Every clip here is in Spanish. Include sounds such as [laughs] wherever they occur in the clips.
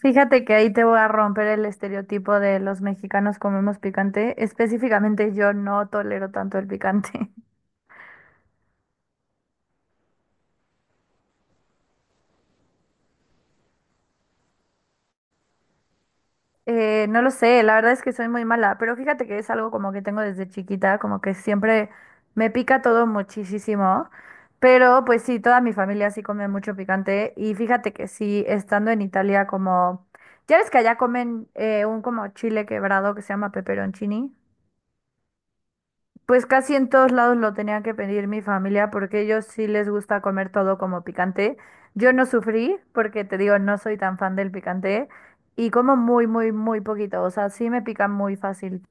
Fíjate que ahí te voy a romper el estereotipo de los mexicanos comemos picante. Específicamente yo no tolero tanto el picante. [laughs] No lo sé, la verdad es que soy muy mala, pero fíjate que es algo como que tengo desde chiquita, como que siempre me pica todo muchísimo. Pero pues sí, toda mi familia sí come mucho picante y fíjate que sí, estando en Italia como... Ya ves que allá comen un como chile quebrado que se llama pepperoncini. Pues casi en todos lados lo tenía que pedir mi familia porque ellos sí les gusta comer todo como picante. Yo no sufrí porque te digo, no soy tan fan del picante y como muy, muy, muy poquito. O sea, sí me pica muy fácil.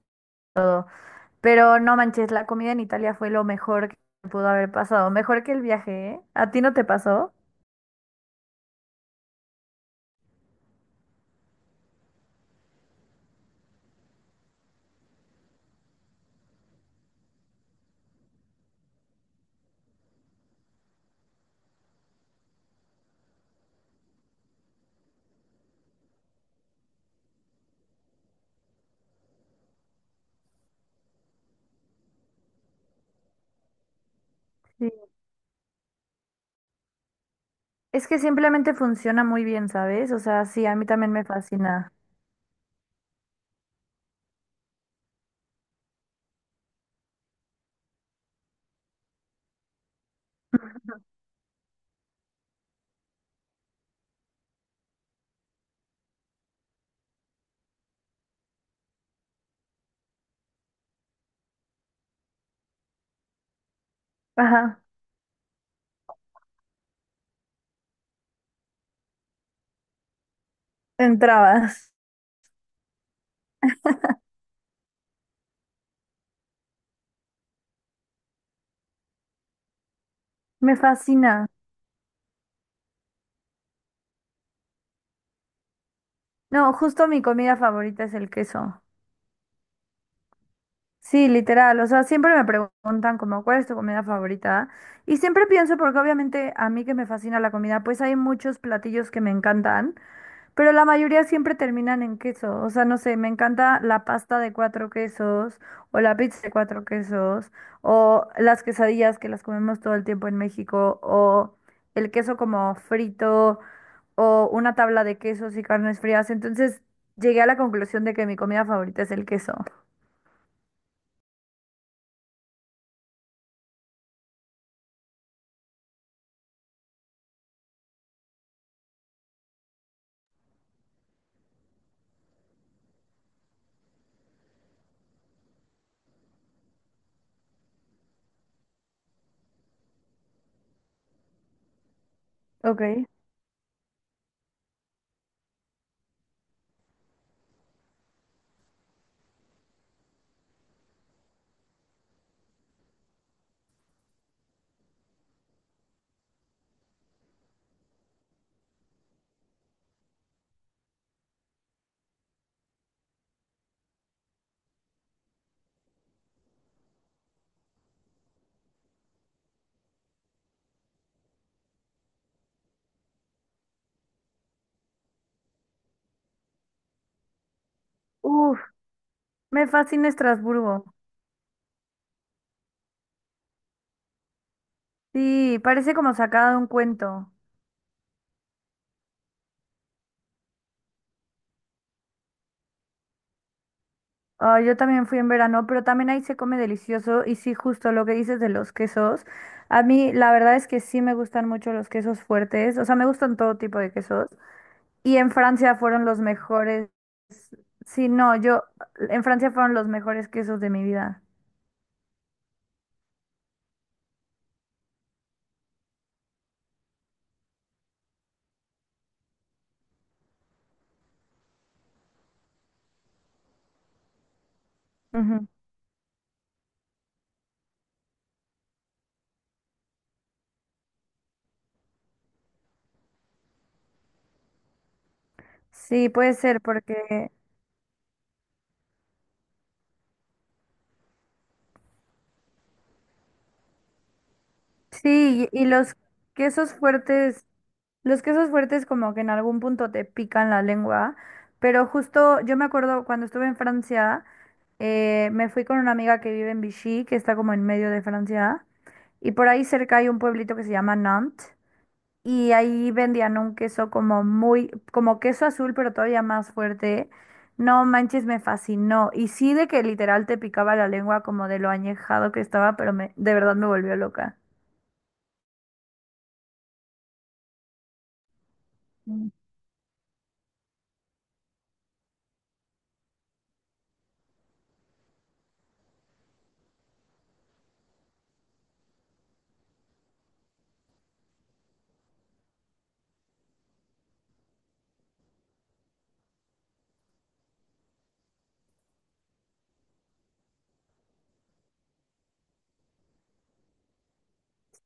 Pero no manches, la comida en Italia fue lo mejor que me pudo haber pasado. Mejor que el viaje, ¿eh? ¿A ti no te pasó? Sí. Es que simplemente funciona muy bien, ¿sabes? O sea, sí, a mí también me fascina. Ajá, entrabas. Me fascina. No, justo mi comida favorita es el queso. Sí, literal. O sea, siempre me preguntan como cuál es tu comida favorita. Y siempre pienso, porque obviamente a mí que me fascina la comida, pues hay muchos platillos que me encantan, pero la mayoría siempre terminan en queso. O sea, no sé, me encanta la pasta de cuatro quesos o la pizza de cuatro quesos o las quesadillas que las comemos todo el tiempo en México o el queso como frito o una tabla de quesos y carnes frías. Entonces llegué a la conclusión de que mi comida favorita es el queso. Ok. Uf. Me fascina Estrasburgo. Sí, parece como sacada de un cuento. Ah, yo también fui en verano, pero también ahí se come delicioso. Y sí, justo lo que dices de los quesos. A mí, la verdad es que sí me gustan mucho los quesos fuertes. O sea, me gustan todo tipo de quesos. Y en Francia fueron los mejores. Sí, no, yo. En Francia fueron los mejores quesos de mi vida. Ujú. Sí, puede ser, porque. Sí, y los quesos fuertes. Los quesos fuertes como que en algún punto te pican la lengua, pero justo yo me acuerdo cuando estuve en Francia, me fui con una amiga que vive en Vichy, que está como en medio de Francia, y por ahí cerca hay un pueblito que se llama Nantes, y ahí vendían un queso como muy, como queso azul, pero todavía más fuerte. No manches, me fascinó. Y sí de que literal te picaba la lengua como de lo añejado que estaba, pero me, de verdad me volvió loca.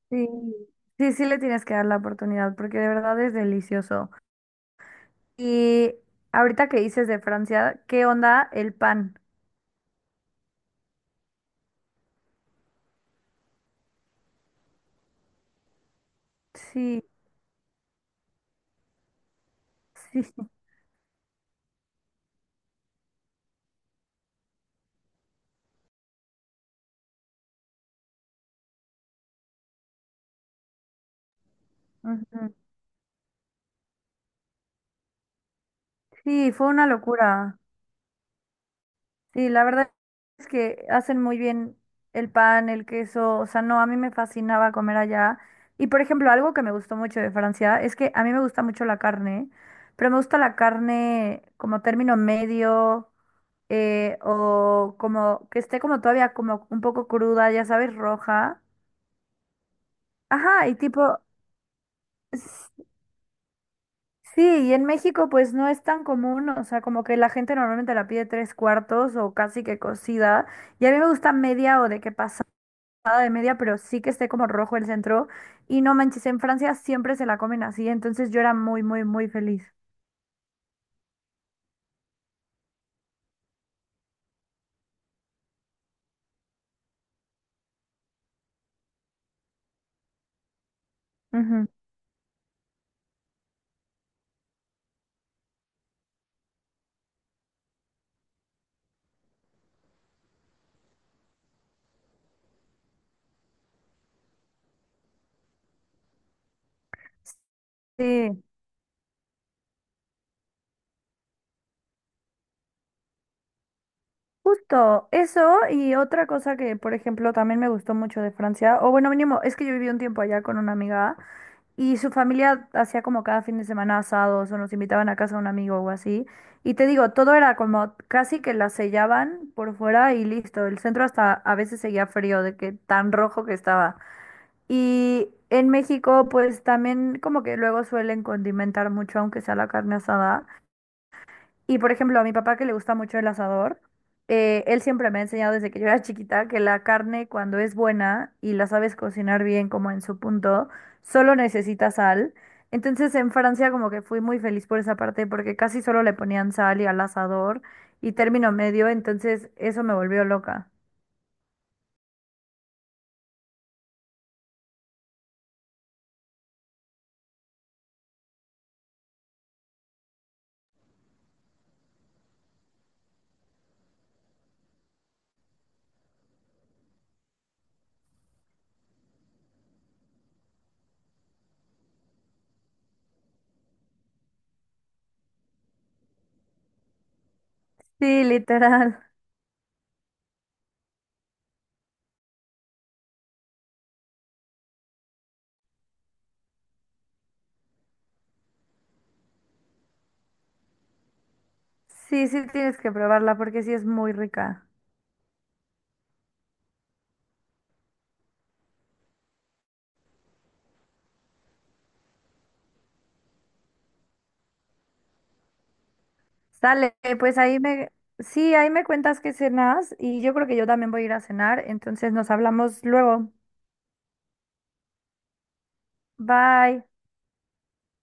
Sí, sí, sí le tienes que dar la oportunidad porque de verdad es delicioso. Y ahorita que dices de Francia, ¿qué onda el pan? Sí, [laughs] sí, ujú. Sí, fue una locura. Sí, la verdad es que hacen muy bien el pan, el queso, o sea, no, a mí me fascinaba comer allá. Y por ejemplo, algo que me gustó mucho de Francia es que a mí me gusta mucho la carne, pero me gusta la carne como término medio. O como que esté como todavía como un poco cruda, ya sabes, roja. Ajá, y tipo, s- sí, y en México pues no es tan común, o sea, como que la gente normalmente la pide tres cuartos o casi que cocida, y a mí me gusta media o de que pasada de media, pero sí que esté como rojo el centro, y no manches, en Francia siempre se la comen así, entonces yo era muy, muy, muy feliz. Ujú. Sí. Justo eso y otra cosa que, por ejemplo, también me gustó mucho de Francia, o bueno, mínimo, es que yo viví un tiempo allá con una amiga y su familia hacía como cada fin de semana asados o nos invitaban a casa de un amigo o así. Y te digo, todo era como casi que la sellaban por fuera y listo. El centro hasta a veces seguía frío de que tan rojo que estaba. Y en México, pues también como que luego suelen condimentar mucho, aunque sea la carne asada. Y por ejemplo, a mi papá que le gusta mucho el asador, él siempre me ha enseñado desde que yo era chiquita que la carne cuando es buena y la sabes cocinar bien como en su punto, solo necesita sal. Entonces en Francia como que fui muy feliz por esa parte porque casi solo le ponían sal y al asador y término medio, entonces eso me volvió loca. Sí, literal. Sí, sí tienes que probarla porque sí es muy rica. Sale, pues ahí me, sí, ahí me cuentas qué cenas y yo creo que yo también voy a ir a cenar, entonces nos hablamos luego. Bye.